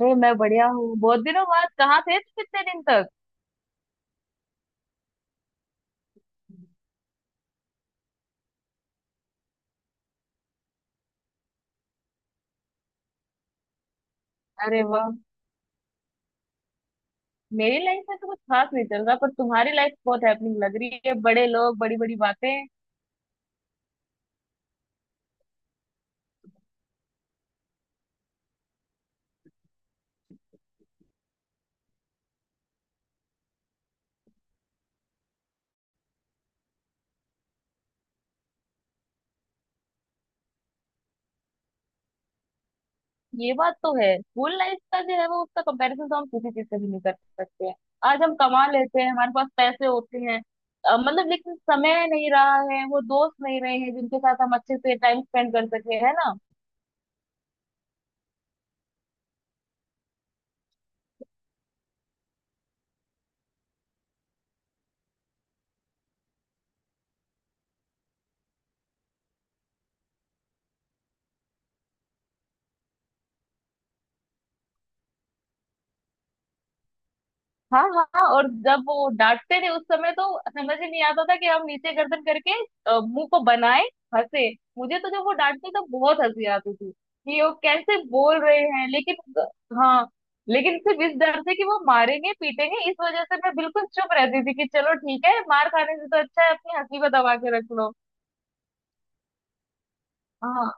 अरे मैं बढ़िया हूँ। बहुत दिनों बाद, कहाँ थे तुम इतने दिन तक? अरे वाह! मेरी लाइफ में तो कुछ खास नहीं चल रहा, पर तुम्हारी लाइफ बहुत हैपनिंग लग रही है। बड़े लोग बड़ी बड़ी बातें। ये बात तो है, स्कूल लाइफ का जो है वो उसका कंपैरिजन तो हम किसी चीज से भी नहीं कर सकते हैं। आज हम कमा लेते हैं, हमारे पास पैसे होते हैं। मतलब लेकिन समय नहीं रहा है, वो दोस्त नहीं रहे हैं जिनके साथ हम अच्छे से टाइम स्पेंड कर सके, है ना। हाँ हाँ, और जब वो डांटते थे उस समय तो समझ ही नहीं आता था कि हम नीचे गर्दन करके मुंह को बनाए हंसे। मुझे तो जब वो डांटते तो बहुत हंसी आती थी कि वो कैसे बोल रहे हैं, लेकिन हाँ, लेकिन सिर्फ इस डर से कि वो मारेंगे पीटेंगे, इस वजह से मैं बिल्कुल चुप रहती थी कि चलो ठीक है, मार खाने से तो अच्छा है अपनी हंसी को दबा के रख लो। हाँ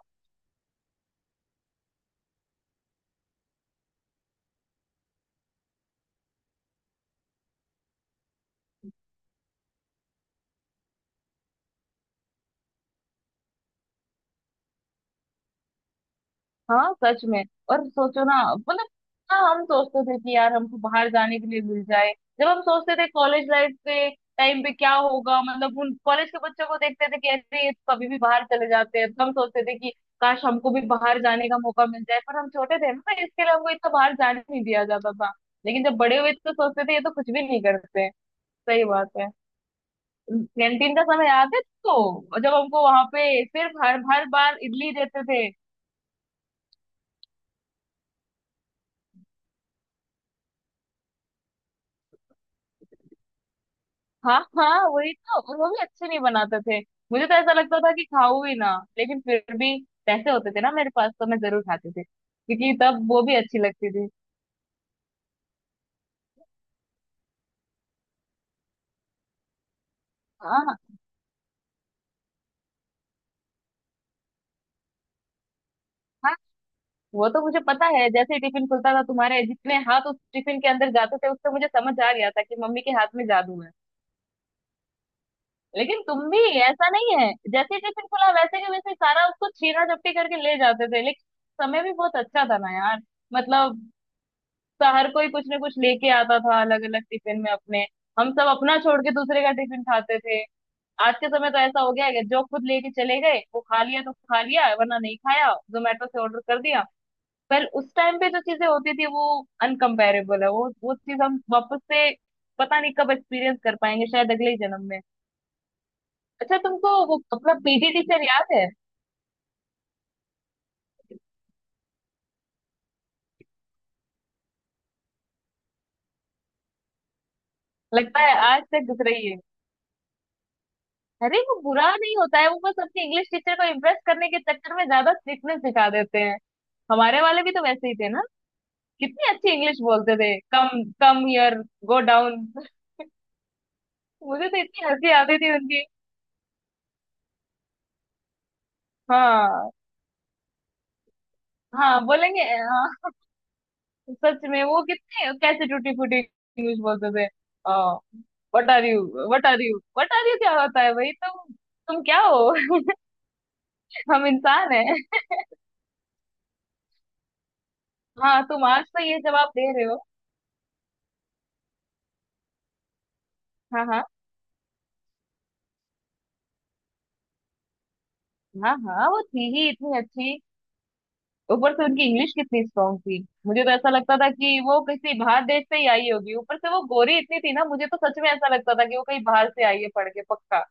हाँ, सच में। और सोचो ना, मतलब हाँ, हम सोचते थे कि यार हमको बाहर जाने के लिए मिल जाए। जब हम सोचते थे कॉलेज लाइफ पे, टाइम पे क्या होगा, मतलब उन कॉलेज के बच्चों को देखते थे कि ऐसे ये तो कभी भी बाहर चले जाते हैं, तो हम सोचते थे कि काश हमको भी बाहर जाने का मौका मिल जाए। पर हम छोटे थे ना, तो इसके लिए हमको इतना बाहर जाने नहीं दिया जाता था। लेकिन जब बड़े हुए तो सोचते थे ये तो कुछ भी नहीं करते हैं। सही बात है। कैंटीन का समय याद है, तो जब हमको वहां पे सिर्फ हर हर बार इडली देते थे। हाँ हाँ, वही तो। और वो भी अच्छे नहीं बनाते थे, मुझे तो ऐसा लगता था कि खाऊं ही ना, लेकिन फिर भी पैसे होते थे ना मेरे पास तो मैं जरूर खाती थी, क्योंकि तब वो भी अच्छी लगती थी। हाँ हाँ, वो तो मुझे पता है, जैसे ही टिफिन खुलता था तुम्हारे जितने हाथ उस टिफिन के अंदर जाते थे, उससे मुझे समझ आ गया था कि मम्मी के हाथ में जादू है। लेकिन तुम भी, ऐसा नहीं है, जैसे ही टिफिन खुला वैसे के वैसे सारा उसको छीना झपटी करके ले जाते थे। लेकिन समय भी बहुत अच्छा था ना यार, मतलब हर कोई कुछ ना कुछ लेके आता था अलग अलग टिफिन में अपने। हम सब अपना छोड़ के दूसरे का टिफिन खाते थे। आज के समय तो ऐसा हो गया है कि जो खुद लेके चले गए वो खा लिया तो खा लिया, वरना नहीं खाया, जोमेटो से ऑर्डर कर दिया। पर उस टाइम पे जो चीजें होती थी वो अनकम्पेरेबल है वो चीज हम वापस से पता नहीं कब एक्सपीरियंस कर पाएंगे, शायद अगले ही जन्म में। अच्छा, तुमको वो अपना पीटी टीचर याद है? लगता है आज तक दिख रही है। अरे वो बुरा नहीं होता है, वो बस अपने इंग्लिश टीचर को इम्प्रेस करने के चक्कर में ज्यादा स्ट्रिक्टनेस दिखा देते हैं। हमारे वाले भी तो वैसे ही थे ना, कितनी अच्छी इंग्लिश बोलते थे। Come, come here, go down. मुझे तो इतनी हंसी आती थी उनकी। हाँ हाँ, बोलेंगे। हाँ, सच में वो कितने, कैसे टूटी फूटी इंग्लिश बोलते थे। What are you, what are you, what are you क्या होता है भाई? तुम क्या हो? हम इंसान हैं। हाँ, तुम आज तो ये जवाब दे रहे हो। हाँ हाँ। हाँ हाँ, वो थी ही इतनी अच्छी, ऊपर से उनकी इंग्लिश कितनी स्ट्रांग थी। मुझे तो ऐसा लगता था कि वो किसी बाहर देश से ही आई होगी, ऊपर से वो गोरी इतनी थी ना, मुझे तो सच में ऐसा लगता था कि वो कहीं बाहर से आई है पढ़ के, पक्का।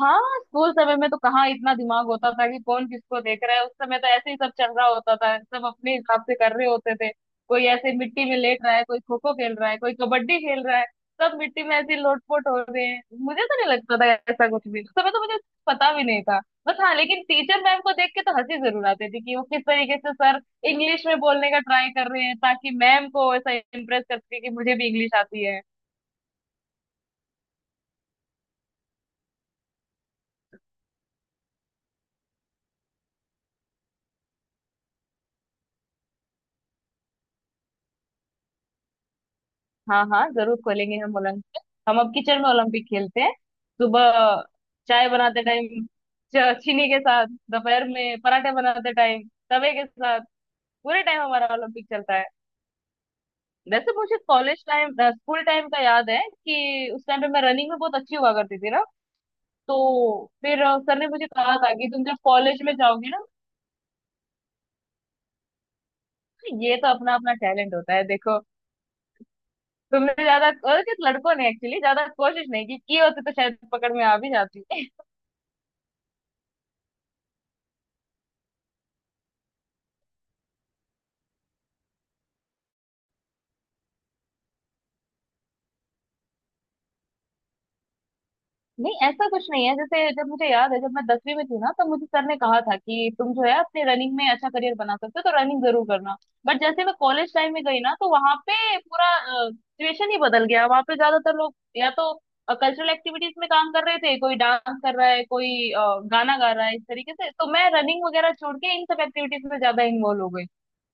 हाँ, स्कूल समय में तो कहाँ इतना दिमाग होता था कि कौन किसको देख रहा है। उस समय तो ऐसे ही सब चल रहा होता था, सब अपने हिसाब से कर रहे होते थे। कोई ऐसे मिट्टी में लेट रहा है, कोई खो खो खेल रहा है, कोई कबड्डी खेल रहा है, सब मिट्टी में ऐसे लोटपोट हो रहे हैं। मुझे तो नहीं लगता था ऐसा कुछ भी, उस समय तो मुझे पता भी नहीं था। बस हाँ, लेकिन टीचर मैम को देख के तो हंसी जरूर आती थी कि वो किस तरीके से सर इंग्लिश में बोलने का ट्राई कर रहे हैं ताकि मैम को ऐसा इम्प्रेस कर सके कि मुझे भी इंग्लिश आती है। हाँ हाँ, जरूर खोलेंगे हम ओलंपिक। हम अब किचन में ओलंपिक खेलते हैं। सुबह चाय बनाते टाइम चीनी के साथ, दोपहर में पराठे बनाते टाइम तवे के साथ, पूरे टाइम हमारा ओलंपिक चलता है। वैसे मुझे कॉलेज टाइम, स्कूल टाइम का याद है कि उस टाइम पे मैं रनिंग में बहुत अच्छी हुआ करती थी ना, तो फिर सर ने मुझे कहा था कि तुम जब कॉलेज में जाओगी ना। ये तो अपना अपना टैलेंट होता है देखो, तुमने ज्यादा, और किस लड़कों ने एक्चुअली ज्यादा कोशिश नहीं की, की होती तो शायद पकड़ में आ भी जाती। नहीं, ऐसा कुछ नहीं है। जैसे जब मुझे याद है, जब मैं 10वीं में थी ना, तब मुझे सर ने कहा था कि तुम जो है अपने रनिंग में अच्छा करियर बना सकते हो तो रनिंग जरूर करना। बट जैसे मैं कॉलेज टाइम में गई ना, तो वहां पे पूरा सिचुएशन ही बदल गया। वहां पे ज्यादातर लोग या तो कल्चरल एक्टिविटीज में काम कर रहे थे, कोई डांस कर रहा है, कोई गाना गा रहा है, इस तरीके से। तो मैं रनिंग वगैरह छोड़ के इन सब एक्टिविटीज में ज्यादा इन्वॉल्व हो गई,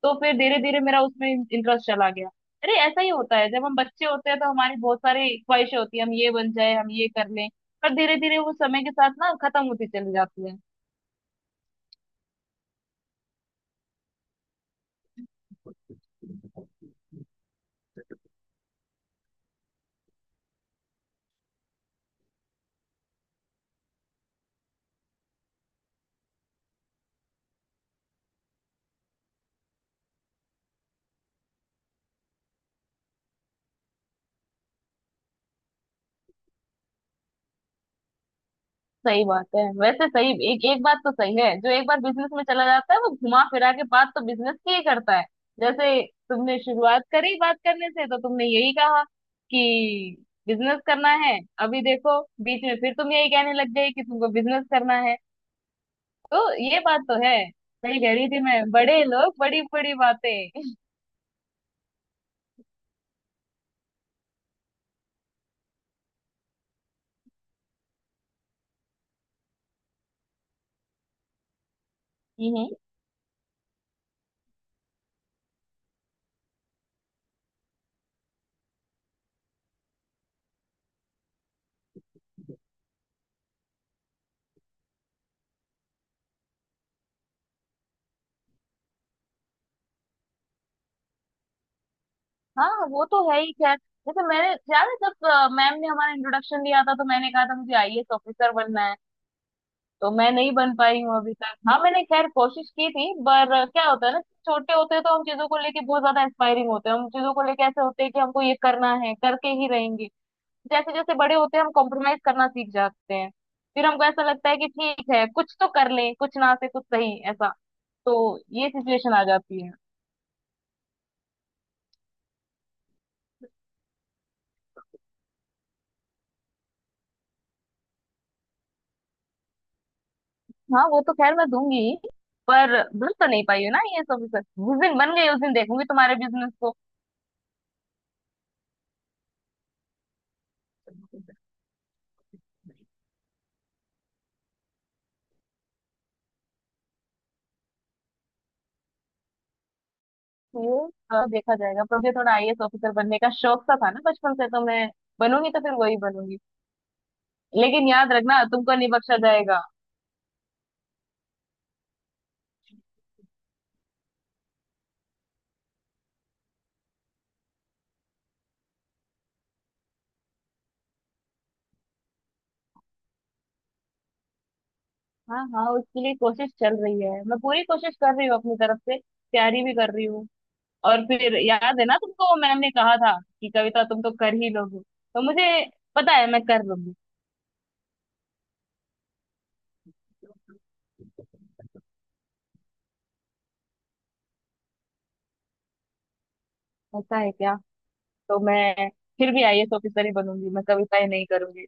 तो फिर धीरे धीरे मेरा उसमें इंटरेस्ट चला गया। अरे ऐसा ही होता है, जब हम बच्चे होते हैं तो हमारी बहुत सारी ख्वाहिशें होती है, हम ये बन जाए, हम ये कर लें, पर धीरे धीरे वो समय के साथ ना खत्म होती चली जाती है। सही बात है। वैसे सही, एक एक बात तो सही है, जो एक बार बिजनेस में चला जाता है वो घुमा फिरा के बात तो बिजनेस की ही करता है। जैसे तुमने शुरुआत करी बात करने से, तो तुमने यही कहा कि बिजनेस करना है। अभी देखो बीच में फिर तुम यही कहने लग गए कि तुमको बिजनेस करना है। तो ये बात तो है, सही कह रही थी मैं, बड़े लोग बड़ी बड़ी बातें। हम्म। हाँ हाँ, वो तो है ही। खैर, जैसे मैंने, याद है जब मैम ने हमारा इंट्रोडक्शन दिया था, तो मैंने कहा था मुझे आईएएस ऑफिसर बनना है। तो मैं नहीं बन पाई हूँ अभी तक। हाँ, मैंने खैर कोशिश की थी, पर क्या होता है ना, छोटे होते हैं तो हम चीजों को लेके बहुत ज्यादा इंस्पायरिंग होते हैं। हम चीजों को लेके ऐसे होते हैं कि हमको ये करना है, करके ही रहेंगे। जैसे जैसे बड़े होते हैं, हम कॉम्प्रोमाइज करना सीख जाते हैं, फिर हमको ऐसा लगता है कि ठीक है, कुछ तो कर लें, कुछ ना से कुछ सही, ऐसा। तो ये सिचुएशन आ जाती है। हाँ वो तो खैर मैं दूंगी ही, पर भूल तो नहीं पाई हो ना, आईएएस ऑफिसर जिस दिन बन गई उस दिन देखूंगी तुम्हारे बिजनेस को। ये देखा जाएगा। पर मुझे थोड़ा आईएएस ऑफिसर बनने का शौक सा था ना बचपन से, तो मैं बनूंगी तो फिर वही बनूंगी। लेकिन याद रखना तुमको नहीं बख्शा जाएगा। हाँ हाँ, उसके लिए कोशिश चल रही है, मैं पूरी कोशिश कर रही हूँ अपनी तरफ से, तैयारी भी कर रही हूँ। और फिर याद है ना तुमको, मैम ने कहा था कि कविता तुम तो कर ही लोगी, तो मुझे पता है मैं कर लूंगी। ऐसा है क्या? तो मैं फिर भी आईएएस ऑफिसर ही बनूंगी, मैं कविताएं नहीं करूंगी।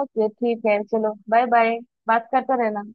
ओके ठीक है, चलो बाय बाय। बात करते रहना।